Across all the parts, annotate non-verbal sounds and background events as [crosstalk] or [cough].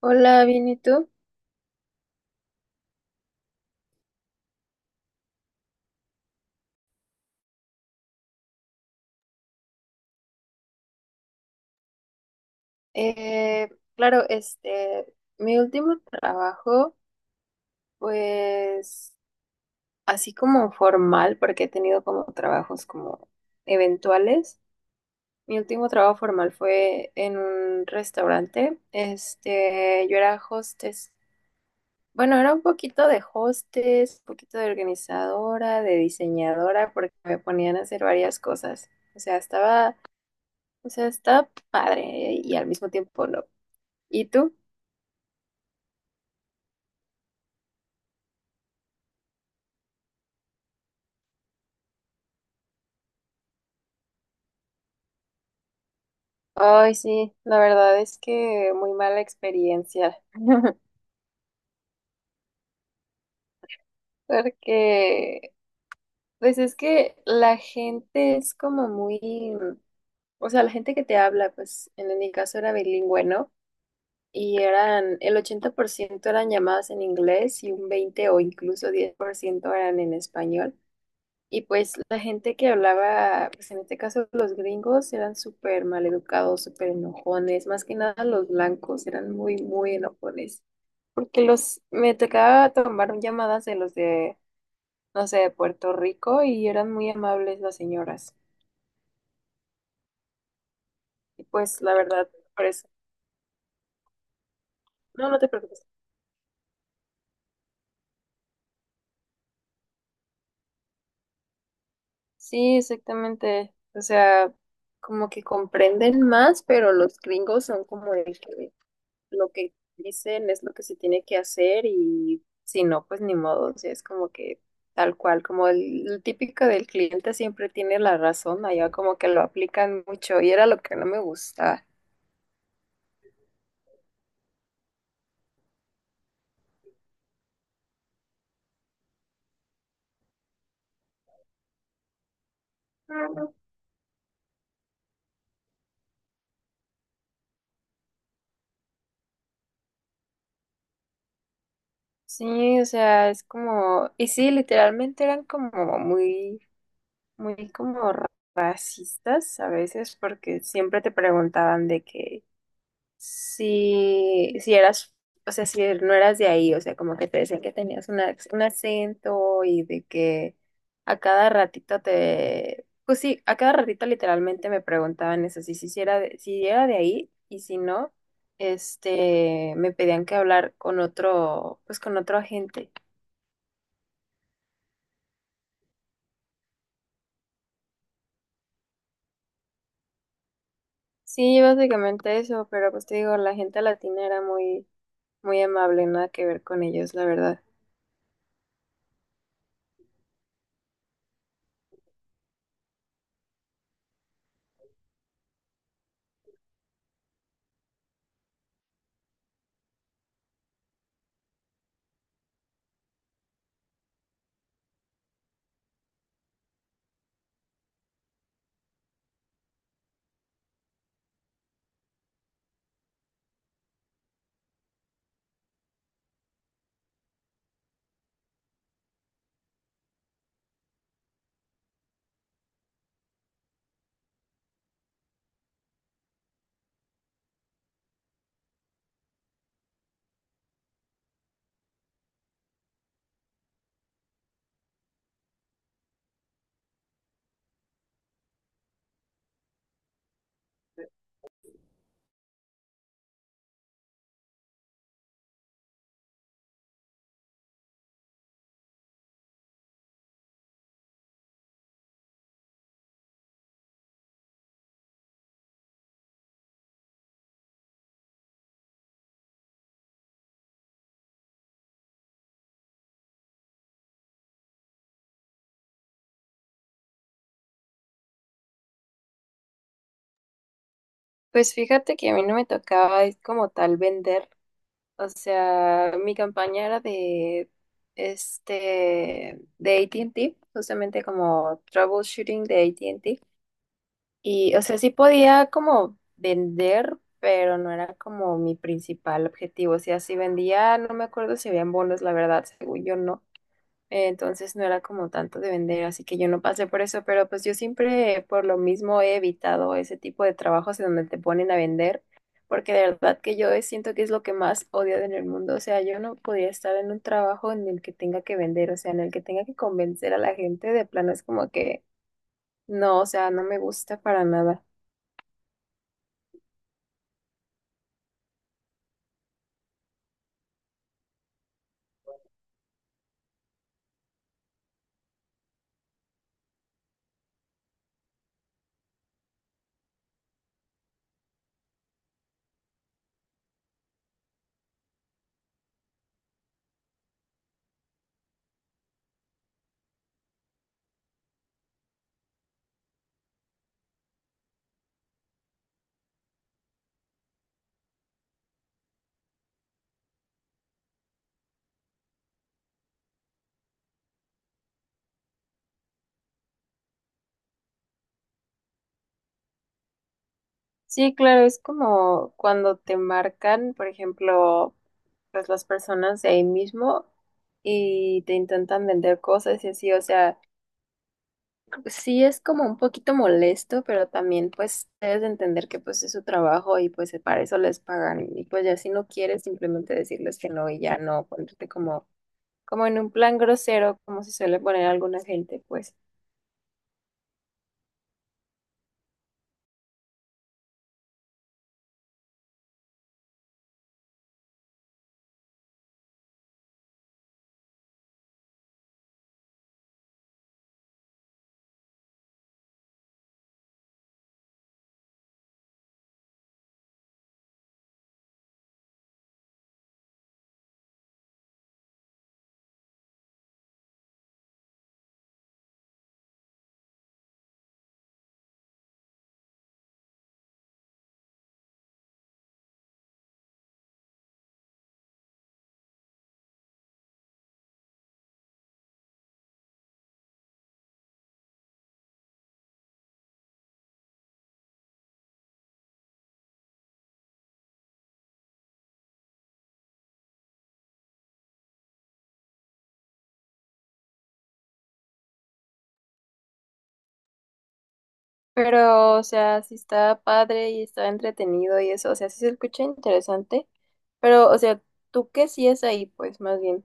Hola, bien, ¿y tú? Eh, claro, este, mi último trabajo, pues, así como formal, porque he tenido como trabajos como eventuales. Mi último trabajo formal fue en un restaurante. Este, yo era hostess. Bueno, era un poquito de hostess, un poquito de organizadora, de diseñadora, porque me ponían a hacer varias cosas. O sea, estaba padre y al mismo tiempo no. ¿Y tú? Ay, sí, la verdad es que muy mala experiencia. [laughs] Porque, pues es que la gente es como muy, o sea, la gente que te habla, pues en mi caso era bilingüe, ¿no? Y eran, el 80% eran llamadas en inglés y un 20 o incluso 10% eran en español. Y pues la gente que hablaba, pues en este caso los gringos eran súper maleducados, súper enojones, más que nada los blancos eran muy, muy enojones. Porque los me tocaba tomar llamadas de los de, no sé, de Puerto Rico y eran muy amables las señoras. Y pues la verdad, por eso. No, no te preocupes. Sí, exactamente. O sea, como que comprenden más, pero los gringos son como el que lo que dicen es lo que se tiene que hacer y si no, pues ni modo. O sea, es como que tal cual, como el típico del cliente siempre tiene la razón, allá como que lo aplican mucho y era lo que no me gustaba. Sí, o sea, es como, y sí, literalmente eran como muy, muy como racistas a veces, porque siempre te preguntaban de que si eras, o sea, no eras de ahí, o sea, como que te decían que tenías un acento y de que a cada ratito te, pues sí, a cada ratito literalmente me preguntaban eso, si era de ahí y si no, este, me pedían que hablar con otro, pues con otro agente. Sí, básicamente eso, pero pues te digo, la gente latina era muy, muy amable, nada que ver con ellos, la verdad. Pues fíjate que a mí no me tocaba es como tal vender, o sea, mi campaña era de, este, de AT&T, justamente como troubleshooting de AT&T, y, o sea, sí podía como vender, pero no era como mi principal objetivo, o sea, si vendía, no me acuerdo si habían bonos, la verdad, según yo no. Entonces no era como tanto de vender, así que yo no pasé por eso, pero pues yo siempre por lo mismo he evitado ese tipo de trabajos en donde te ponen a vender, porque de verdad que yo siento que es lo que más odio en el mundo, o sea, yo no podría estar en un trabajo en el que tenga que vender, o sea, en el que tenga que convencer a la gente, de plano es como que no, o sea, no me gusta para nada. Sí, claro, es como cuando te marcan, por ejemplo, pues las personas de ahí mismo y te intentan vender cosas y así, o sea. Sí, es como un poquito molesto, pero también pues debes de entender que pues es su trabajo y pues para eso les pagan. Y pues ya si no quieres, simplemente decirles que no y ya no ponerte como, en un plan grosero, como se suele poner alguna gente, pues. Pero, o sea, sí está padre y está entretenido y eso, o sea, sí se escucha interesante, pero, o sea, ¿tú qué sí es ahí, pues, más bien?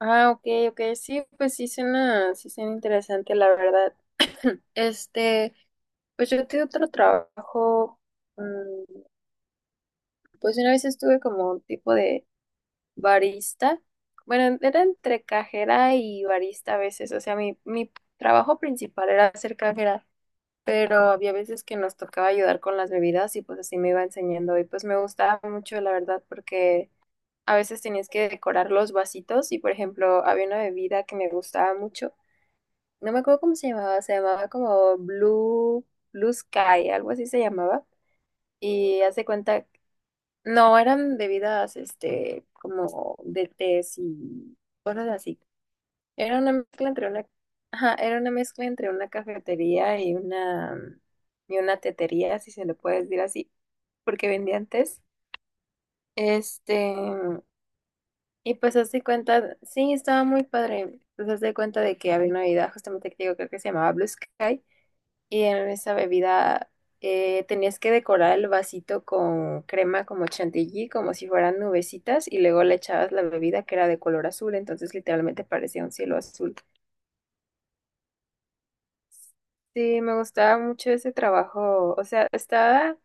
Ah, ok, ok, sí, pues sí suena interesante, la verdad. [clears throat] Este. Pues yo tuve otro trabajo, mm, pues una vez estuve como un tipo de barista. Bueno, era entre cajera y barista a veces. O sea, mi trabajo principal era ser cajera, pero había veces que nos tocaba ayudar con las bebidas y pues así me iba enseñando. Y pues me gustaba mucho, la verdad, porque a veces tenías que decorar los vasitos y, por ejemplo, había una bebida que me gustaba mucho. No me acuerdo cómo se llamaba como Blue Sky, algo así se llamaba. Y hace cuenta, no, eran bebidas, este, como de tés y cosas así. Era una mezcla entre una, ajá, era una mezcla entre una cafetería y una tetería, si se le puede decir así, porque vendían tés. Este, y pues hace cuenta, sí, estaba muy padre. Pues hace cuenta de que había una bebida, justamente que digo, creo que se llamaba Blue Sky. Y en esa bebida, tenías que decorar el vasito con crema como chantilly, como si fueran nubecitas, y luego le echabas la bebida que era de color azul, entonces literalmente parecía un cielo azul. Sí, me gustaba mucho ese trabajo, o sea, estaba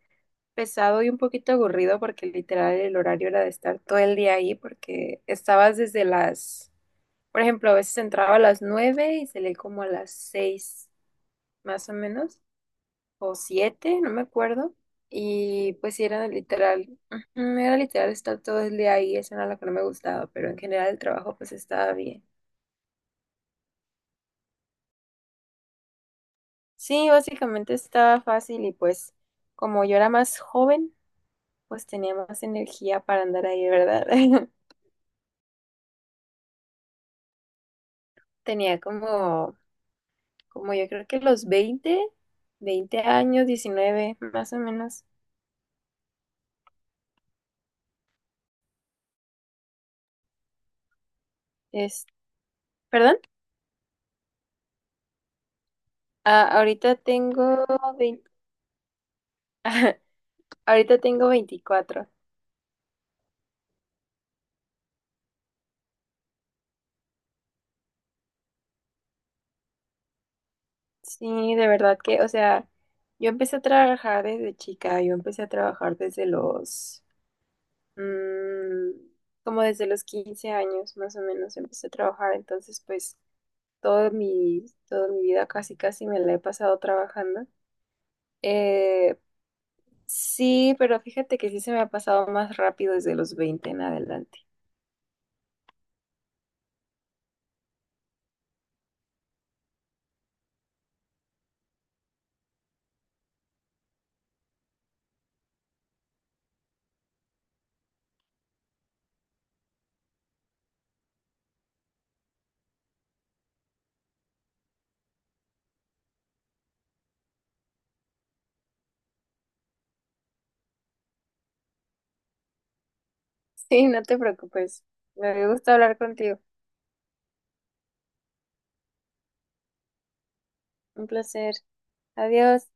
pesado y un poquito aburrido porque literal el horario era de estar todo el día ahí porque estabas desde las, por ejemplo, a veces entraba a las 9 y salía como a las 6, más o menos. O 7, no me acuerdo. Y pues sí, era literal, ujú, era literal estar todo el día ahí, eso era lo que no me gustaba, pero en general el trabajo pues estaba bien. Sí, básicamente estaba fácil y pues como yo era más joven, pues tenía más energía para andar ahí, ¿verdad? [laughs] Tenía como, yo creo que los veinte años, 19 más o menos. Es, ¿Perdón? Ah, ahorita tengo 20. [laughs] Ahorita tengo 24. Sí, de verdad que, o sea, yo empecé a trabajar desde chica, yo empecé a trabajar desde los, mm, como desde los 15 años más o menos empecé a trabajar, entonces pues toda mi vida casi casi me la he pasado trabajando. Eh, sí, pero fíjate que sí se me ha pasado más rápido desde los 20 en adelante. [laughs] Sí, no te preocupes, me gusta hablar contigo, un placer, adiós.